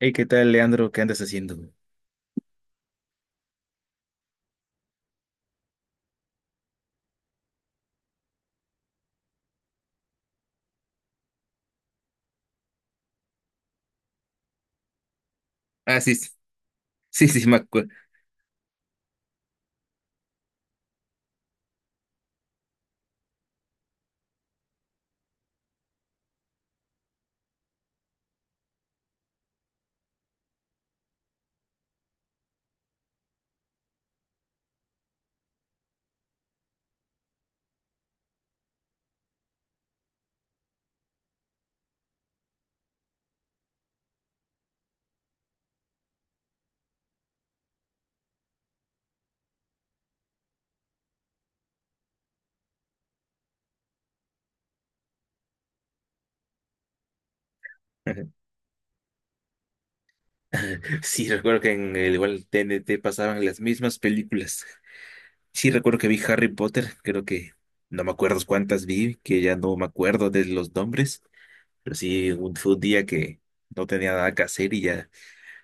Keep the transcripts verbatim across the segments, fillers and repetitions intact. Hey, ¿qué tal, Leandro? ¿Qué andas haciendo? Ah, sí, sí, sí, sí, me acuerdo. Sí, recuerdo que en el igual T N T pasaban las mismas películas. Sí, recuerdo que vi Harry Potter, creo que no me acuerdo cuántas vi, que ya no me acuerdo de los nombres, pero sí, un, fue un día que no tenía nada que hacer y ya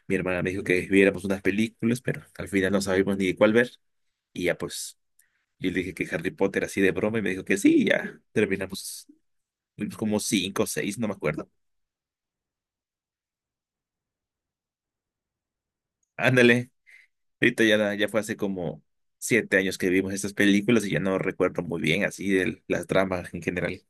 mi hermana me dijo que viéramos unas películas, pero al final no sabíamos ni cuál ver. Y ya pues, yo le dije que Harry Potter así de broma y me dijo que sí, y ya terminamos, vimos como cinco o seis, no me acuerdo. Ándale. Ahorita ya, ya fue hace como siete años que vimos estas películas y ya no recuerdo muy bien así de las tramas en general.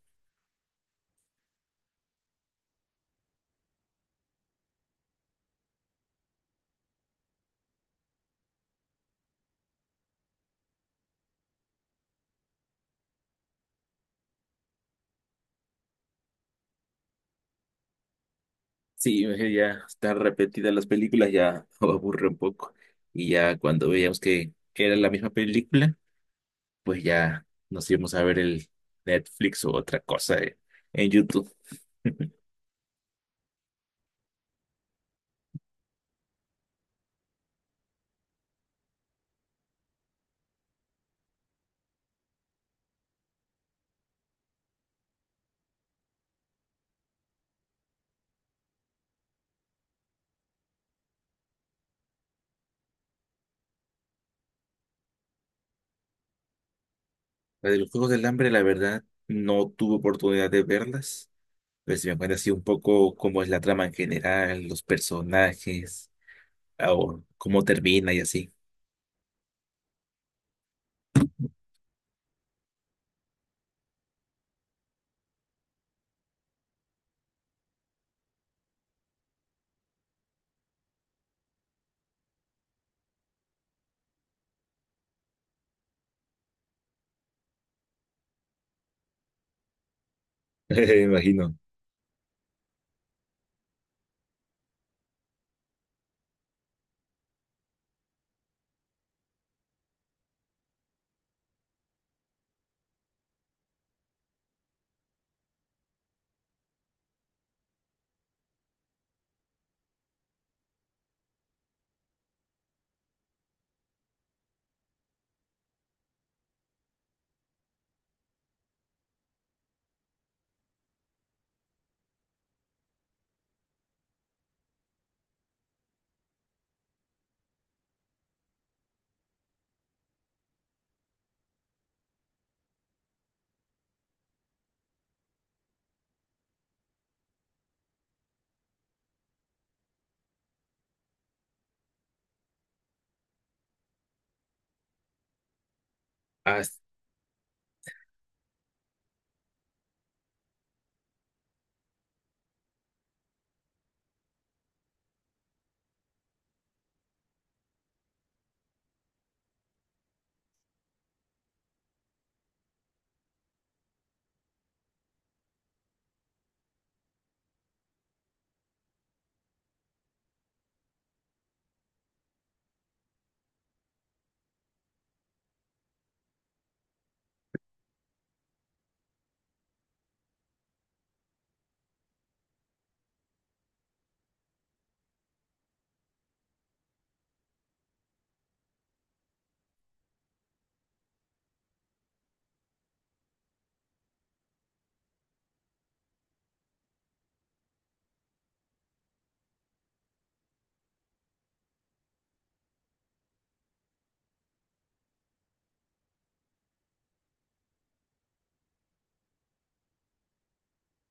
Sí, eh, ya están repetidas las películas, ya aburre un poco. Y ya cuando veíamos que era la misma película, pues ya nos íbamos a ver el Netflix o otra cosa eh, en YouTube. La de los Juegos del Hambre, la verdad, no tuve oportunidad de verlas. Pero si me cuenta así un poco cómo es la trama en general, los personajes, o cómo termina y así. Me imagino. Ah,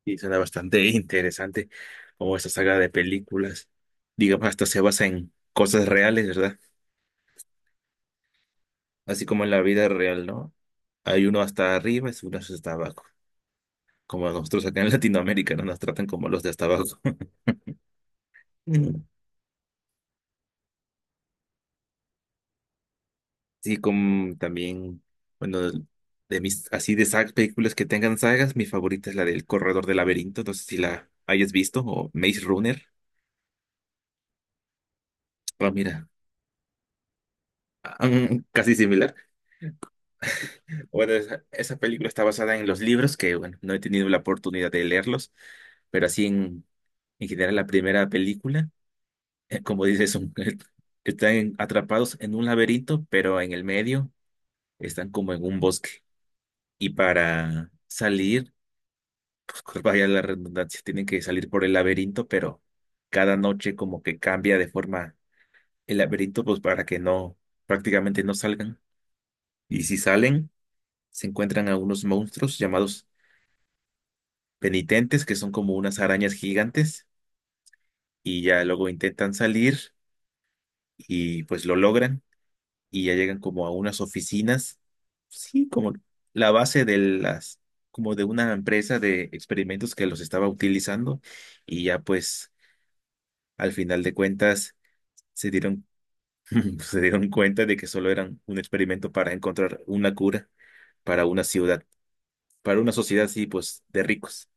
sí, suena bastante interesante como esta saga de películas. Digamos, hasta se basa en cosas reales, ¿verdad? Así como en la vida real, ¿no? Hay uno hasta arriba y uno hasta abajo. Como nosotros acá en Latinoamérica, ¿no? Nos tratan como los de hasta abajo. Mm. Sí, como también, bueno, de mis, así de sagas, películas que tengan sagas, mi favorita es la del Corredor del Laberinto. No sé si la hayas visto o Maze Runner. Ah, mira, ah, mm, casi similar. Bueno, esa, esa película está basada en los libros que, bueno, no he tenido la oportunidad de leerlos, pero así en, en general la primera película, eh, como dices, son- están atrapados en un laberinto, pero en el medio están como en un bosque. Y para salir, pues vaya la redundancia, tienen que salir por el laberinto, pero cada noche como que cambia de forma el laberinto, pues para que no, prácticamente no salgan. Y si salen, se encuentran a unos monstruos llamados penitentes, que son como unas arañas gigantes, y ya luego intentan salir y pues lo logran y ya llegan como a unas oficinas, sí, como la base de las, como de una empresa de experimentos que los estaba utilizando y ya pues al final de cuentas se dieron, se dieron cuenta de que solo eran un experimento para encontrar una cura para una ciudad, para una sociedad, sí, pues de ricos.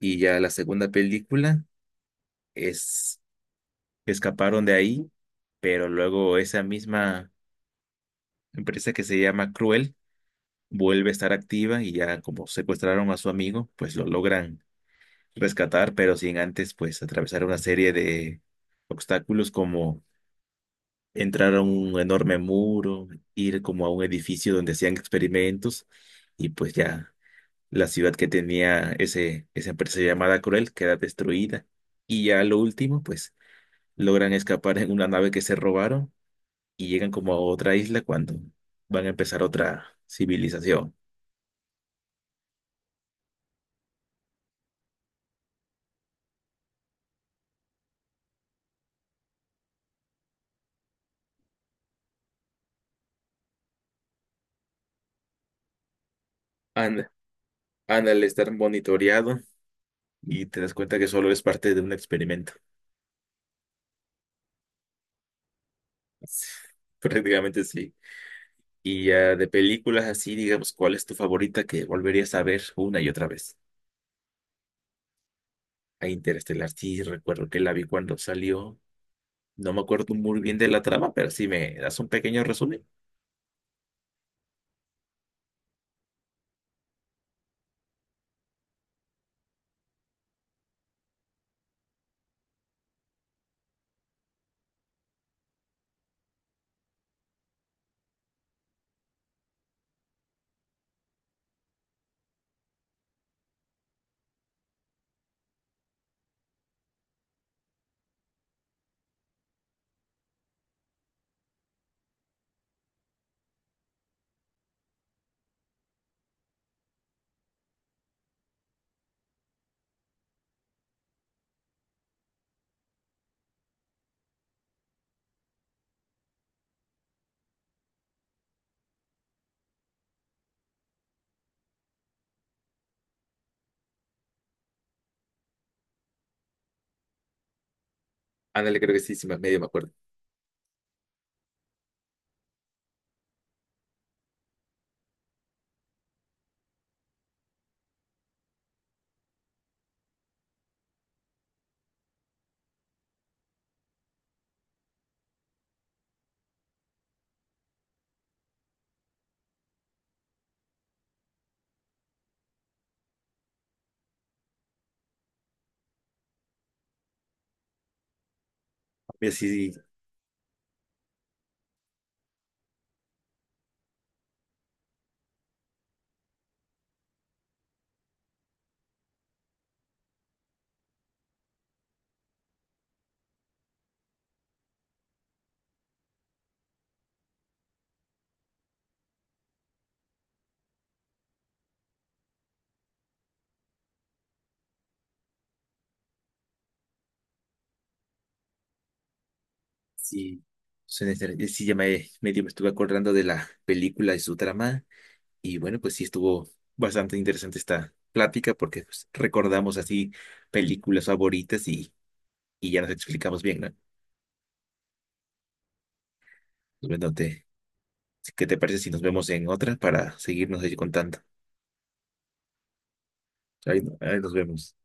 Y ya la segunda película es escaparon de ahí, pero luego esa misma empresa que se llama Cruel vuelve a estar activa y ya como secuestraron a su amigo, pues lo logran rescatar, pero sin antes pues atravesar una serie de obstáculos como entrar a un enorme muro, ir como a un edificio donde hacían experimentos y pues ya la ciudad que tenía ese, esa empresa llamada Cruel queda destruida. Y ya lo último, pues logran escapar en una nave que se robaron y llegan como a otra isla cuando van a empezar otra civilización. Anda Ana, al estar monitoreado y te das cuenta que solo es parte de un experimento. Prácticamente sí. Y ya de películas así, digamos, ¿cuál es tu favorita que volverías a ver una y otra vez? A Interestelar, sí, recuerdo que la vi cuando salió. No me acuerdo muy bien de la trama, pero sí me das un pequeño resumen. Ándale, creo que sí, sí, me- medio me acuerdo. Mira, sí, Sí, suena interesante. Sí, ya me medio me estuve acordando de la película y su trama. Y bueno, pues sí estuvo bastante interesante esta plática porque pues, recordamos así películas favoritas y, y ya nos explicamos bien, ¿no? Pues, Bueno, te, ¿qué te parece si nos vemos en otra para seguirnos ahí contando? Ahí, ahí nos vemos.